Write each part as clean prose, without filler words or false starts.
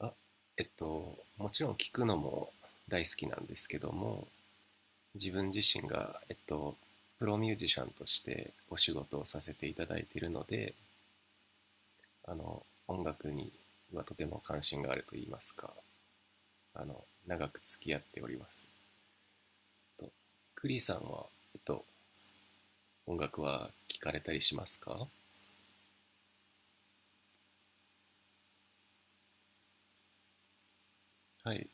あ、もちろん聞くのも大好きなんですけども、自分自身が、プロミュージシャンとしてお仕事をさせていただいているので、音楽にはとても関心があると言いますか、長く付き合っております。と、クリさんは、えっと、音楽は聞かれたりしますか？はい。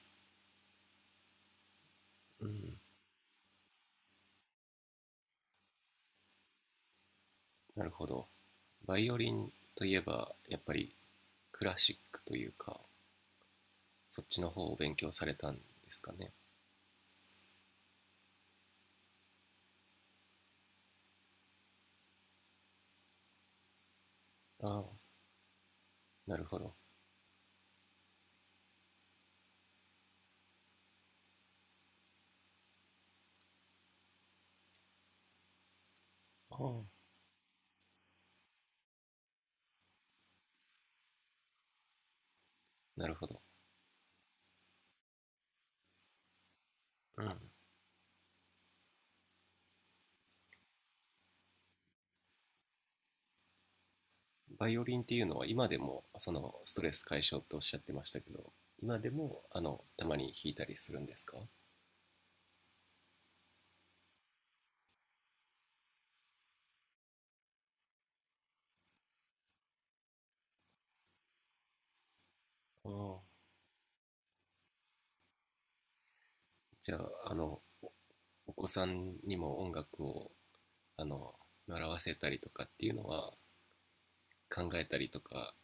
うん。なるほど。バイオリンといえば、やっぱりクラシックというか、そっちの方を勉強されたんですかね。ああ、なるほど。ああ、なるほど。うん。バイオリンっていうのは今でもそのストレス解消とおっしゃってましたけど、今でもたまに弾いたりするんですか？ああ、じゃあ、お子さんにも音楽をあの習わせたりとかっていうのは考えたりとか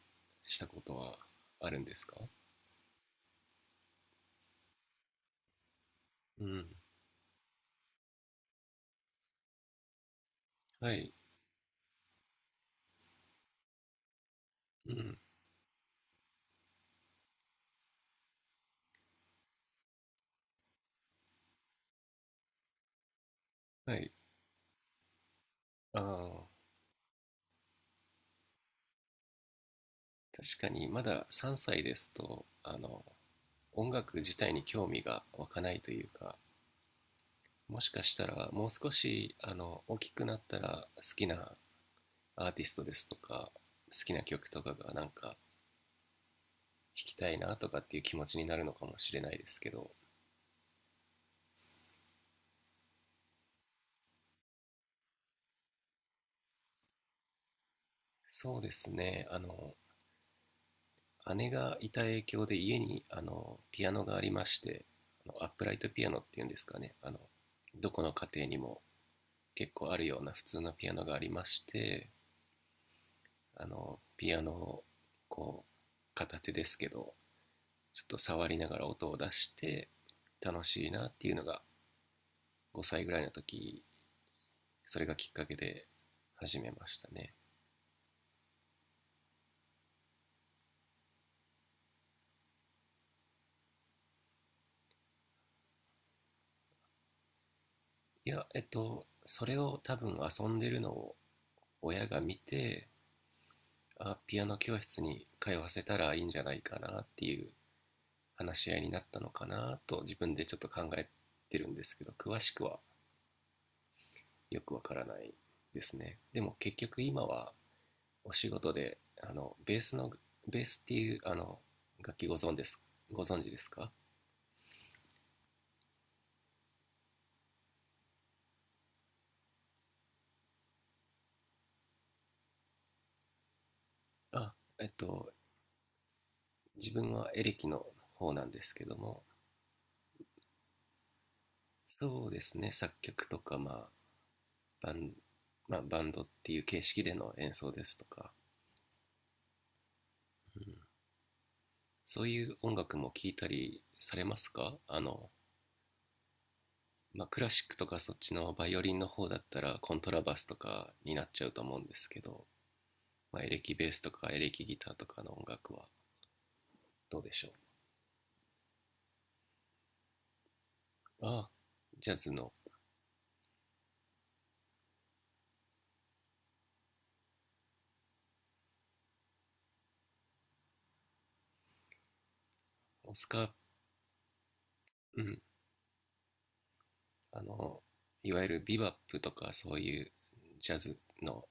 したことはあるんですか？うん。はい。うん。はい。ああ、確かにまだ3歳ですと、音楽自体に興味が湧かないというか、もしかしたらもう少し大きくなったら好きなアーティストですとか好きな曲とかがなんか弾きたいなとかっていう気持ちになるのかもしれないですけど。そうですね。姉がいた影響で家にピアノがありまして、アップライトピアノっていうんですかね。どこの家庭にも結構あるような普通のピアノがありまして、ピアノをこう片手ですけどちょっと触りながら音を出して楽しいなっていうのが5歳ぐらいの時、それがきっかけで始めましたね。いや、それを多分遊んでるのを親が見て、ピアノ教室に通わせたらいいんじゃないかなっていう話し合いになったのかなと自分でちょっと考えてるんですけど、詳しくはよくわからないですね。でも結局今はお仕事でベースっていう楽器、ご存知ですか？あえっと自分はエレキの方なんですけども、そうですね、作曲とか、まあ、バンまあ、バンドっていう形式での演奏ですとか、うん、そういう音楽も聴いたりされますか？まあ、クラシックとかそっちのバイオリンの方だったらコントラバスとかになっちゃうと思うんですけど、まあ、エレキベースとかエレキギターとかの音楽はどうでしょう？あ、ジャズの。オスカー。うん。あの、いわゆるビバップとかそういうジャズの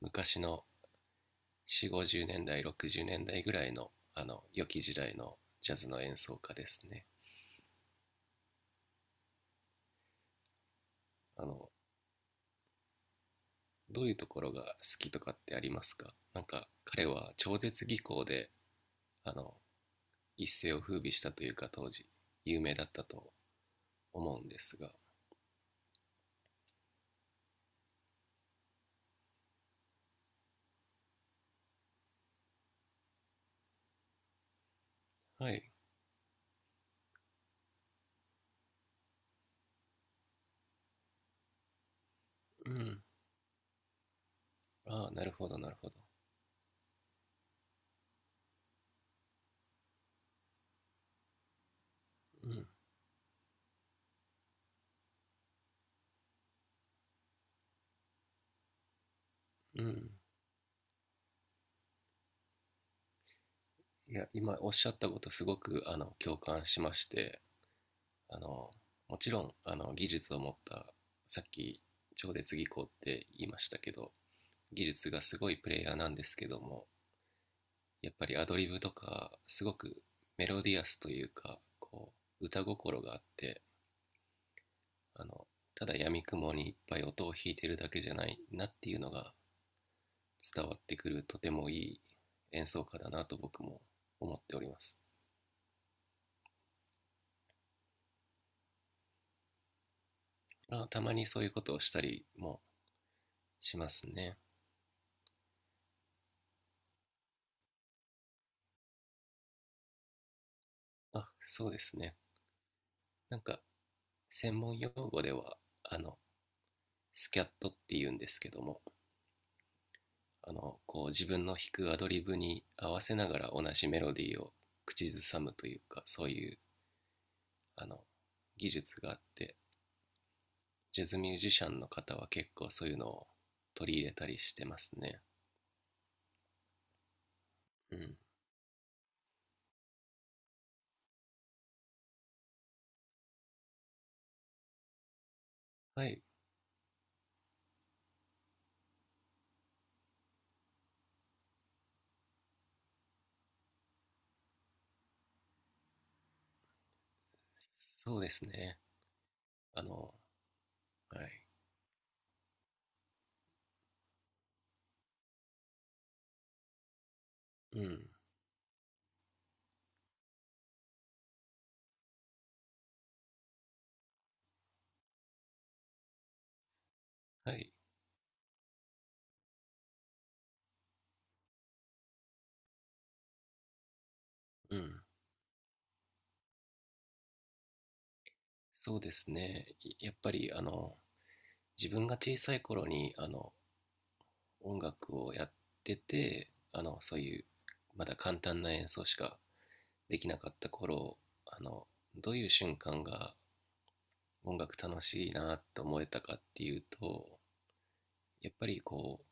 昔の4、50年代、60年代ぐらいの、良き時代のジャズの演奏家ですね。あの、どういうところが好きとかってありますか？なんか彼は超絶技巧で、あの、一世を風靡したというか、当時有名だったと思うんですが。はい。うん。ああ、なるほど、なるほど。うん。うん。いや、今おっしゃったことすごく共感しまして、あのもちろん技術を持った、さっき超絶技巧って言いましたけど、技術がすごいプレイヤーなんですけども、やっぱりアドリブとか、すごくメロディアスというか、こう歌心があって、あのただ闇雲にいっぱい音を弾いてるだけじゃないなっていうのが伝わってくる、とてもいい演奏家だなと僕も思っております。まあ、たまにそういうことをしたりもしますね。あ、そうですね。なんか、専門用語では、あの、スキャットって言うんですけども、こう自分の弾くアドリブに合わせながら同じメロディーを口ずさむというか、そういう、あの、技術があって、ジャズミュージシャンの方は結構そういうのを取り入れたりしてますね。うん。はい。そうですね。あの、はい。うん。はい。うん。そうですね。やっぱり、自分が小さい頃に、音楽をやっててそういうまだ簡単な演奏しかできなかった頃、あのどういう瞬間が音楽楽しいなって思えたかっていうと、やっぱりこう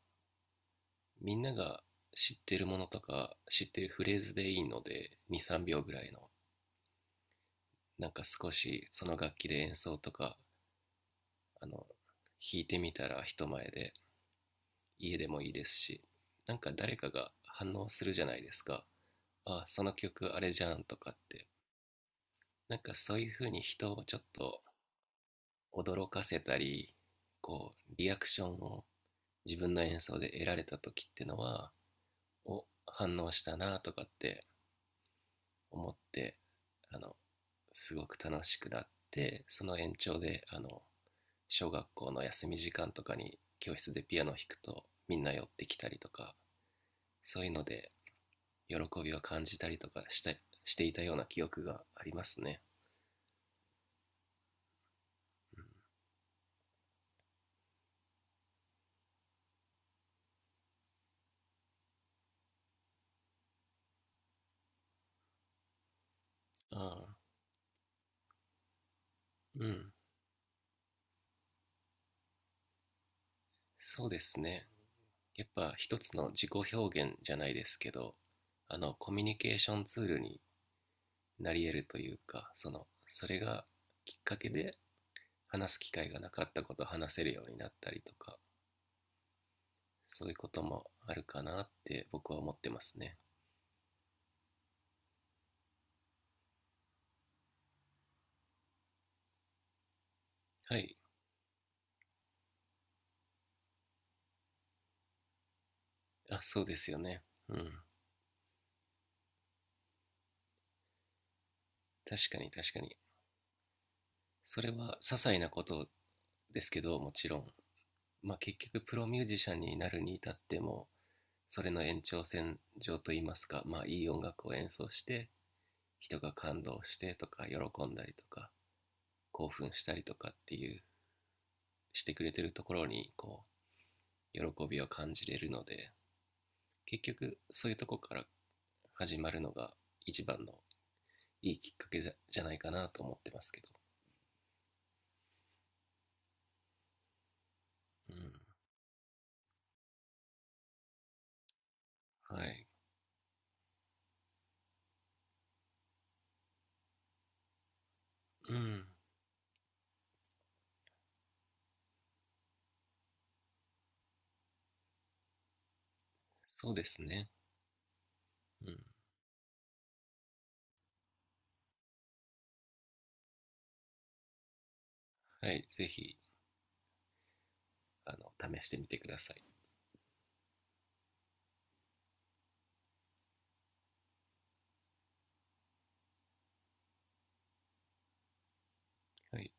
みんなが知ってるものとか知ってるフレーズでいいので、2、3秒ぐらいのなんか少しその楽器で演奏とかあの弾いてみたら、人前で、家でもいいですし、なんか誰かが反応するじゃないですか。あ、その曲あれじゃんとかって、なんかそういうふうに人をちょっと驚かせたり、こう、リアクションを自分の演奏で得られた時ってのは、お、反応したなとかって思って、あの、すごく楽しくなって、その延長で、小学校の休み時間とかに教室でピアノを弾くとみんな寄ってきたりとか、そういうので喜びを感じたりとかしていたような記憶がありますね。うん。ああ。うん。そうですね。やっぱ一つの自己表現じゃないですけど、コミュニケーションツールになり得るというか、それがきっかけで話す機会がなかったことを話せるようになったりとか、そういうこともあるかなって僕は思ってますね。はい。あ、そうですよね。うん。確かに、確かに。それは些細なことですけど、もちろんまあ結局プロミュージシャンになるに至ってもそれの延長線上といいますか、まあ、いい音楽を演奏して人が感動してとか喜んだりとか興奮したりとかっていうしてくれてるところにこう喜びを感じれるので、結局そういうとこから始まるのが一番のいいきっかけじゃないかなと思ってますけど、うん。はい。うん。そうですね。うん。はい、ぜひあの試してみてください。はい。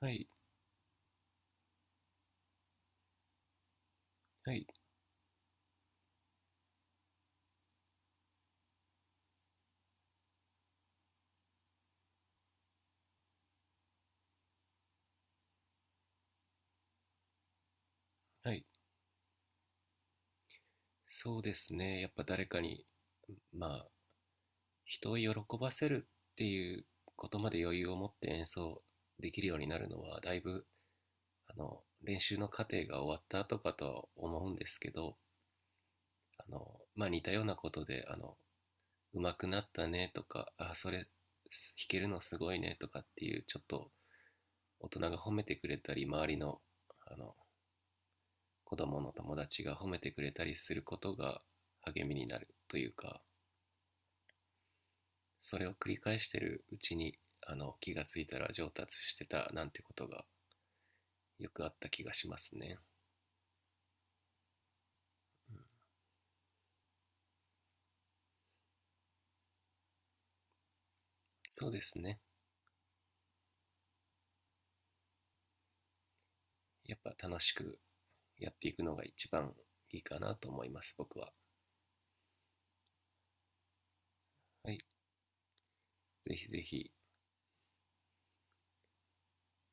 はい。はい。はい。そうですね。やっぱ誰かに、まあ、人を喜ばせるっていうことまで余裕を持って演奏できるようになるのはだいぶ練習の過程が終わった後かとは思うんですけど、あの、まあ、似たようなことで、上手くなったねとか、あ、それ弾けるのすごいねとかっていう、ちょっと大人が褒めてくれたり、周りのあの子供の友達が褒めてくれたりすることが励みになるというか、それを繰り返してるうちに気がついたら上達してたなんてことがよくあった気がしますね。うん。そうですね、やっぱ楽しくやっていくのが一番いいかなと思います、僕は。はい、ぜひぜひ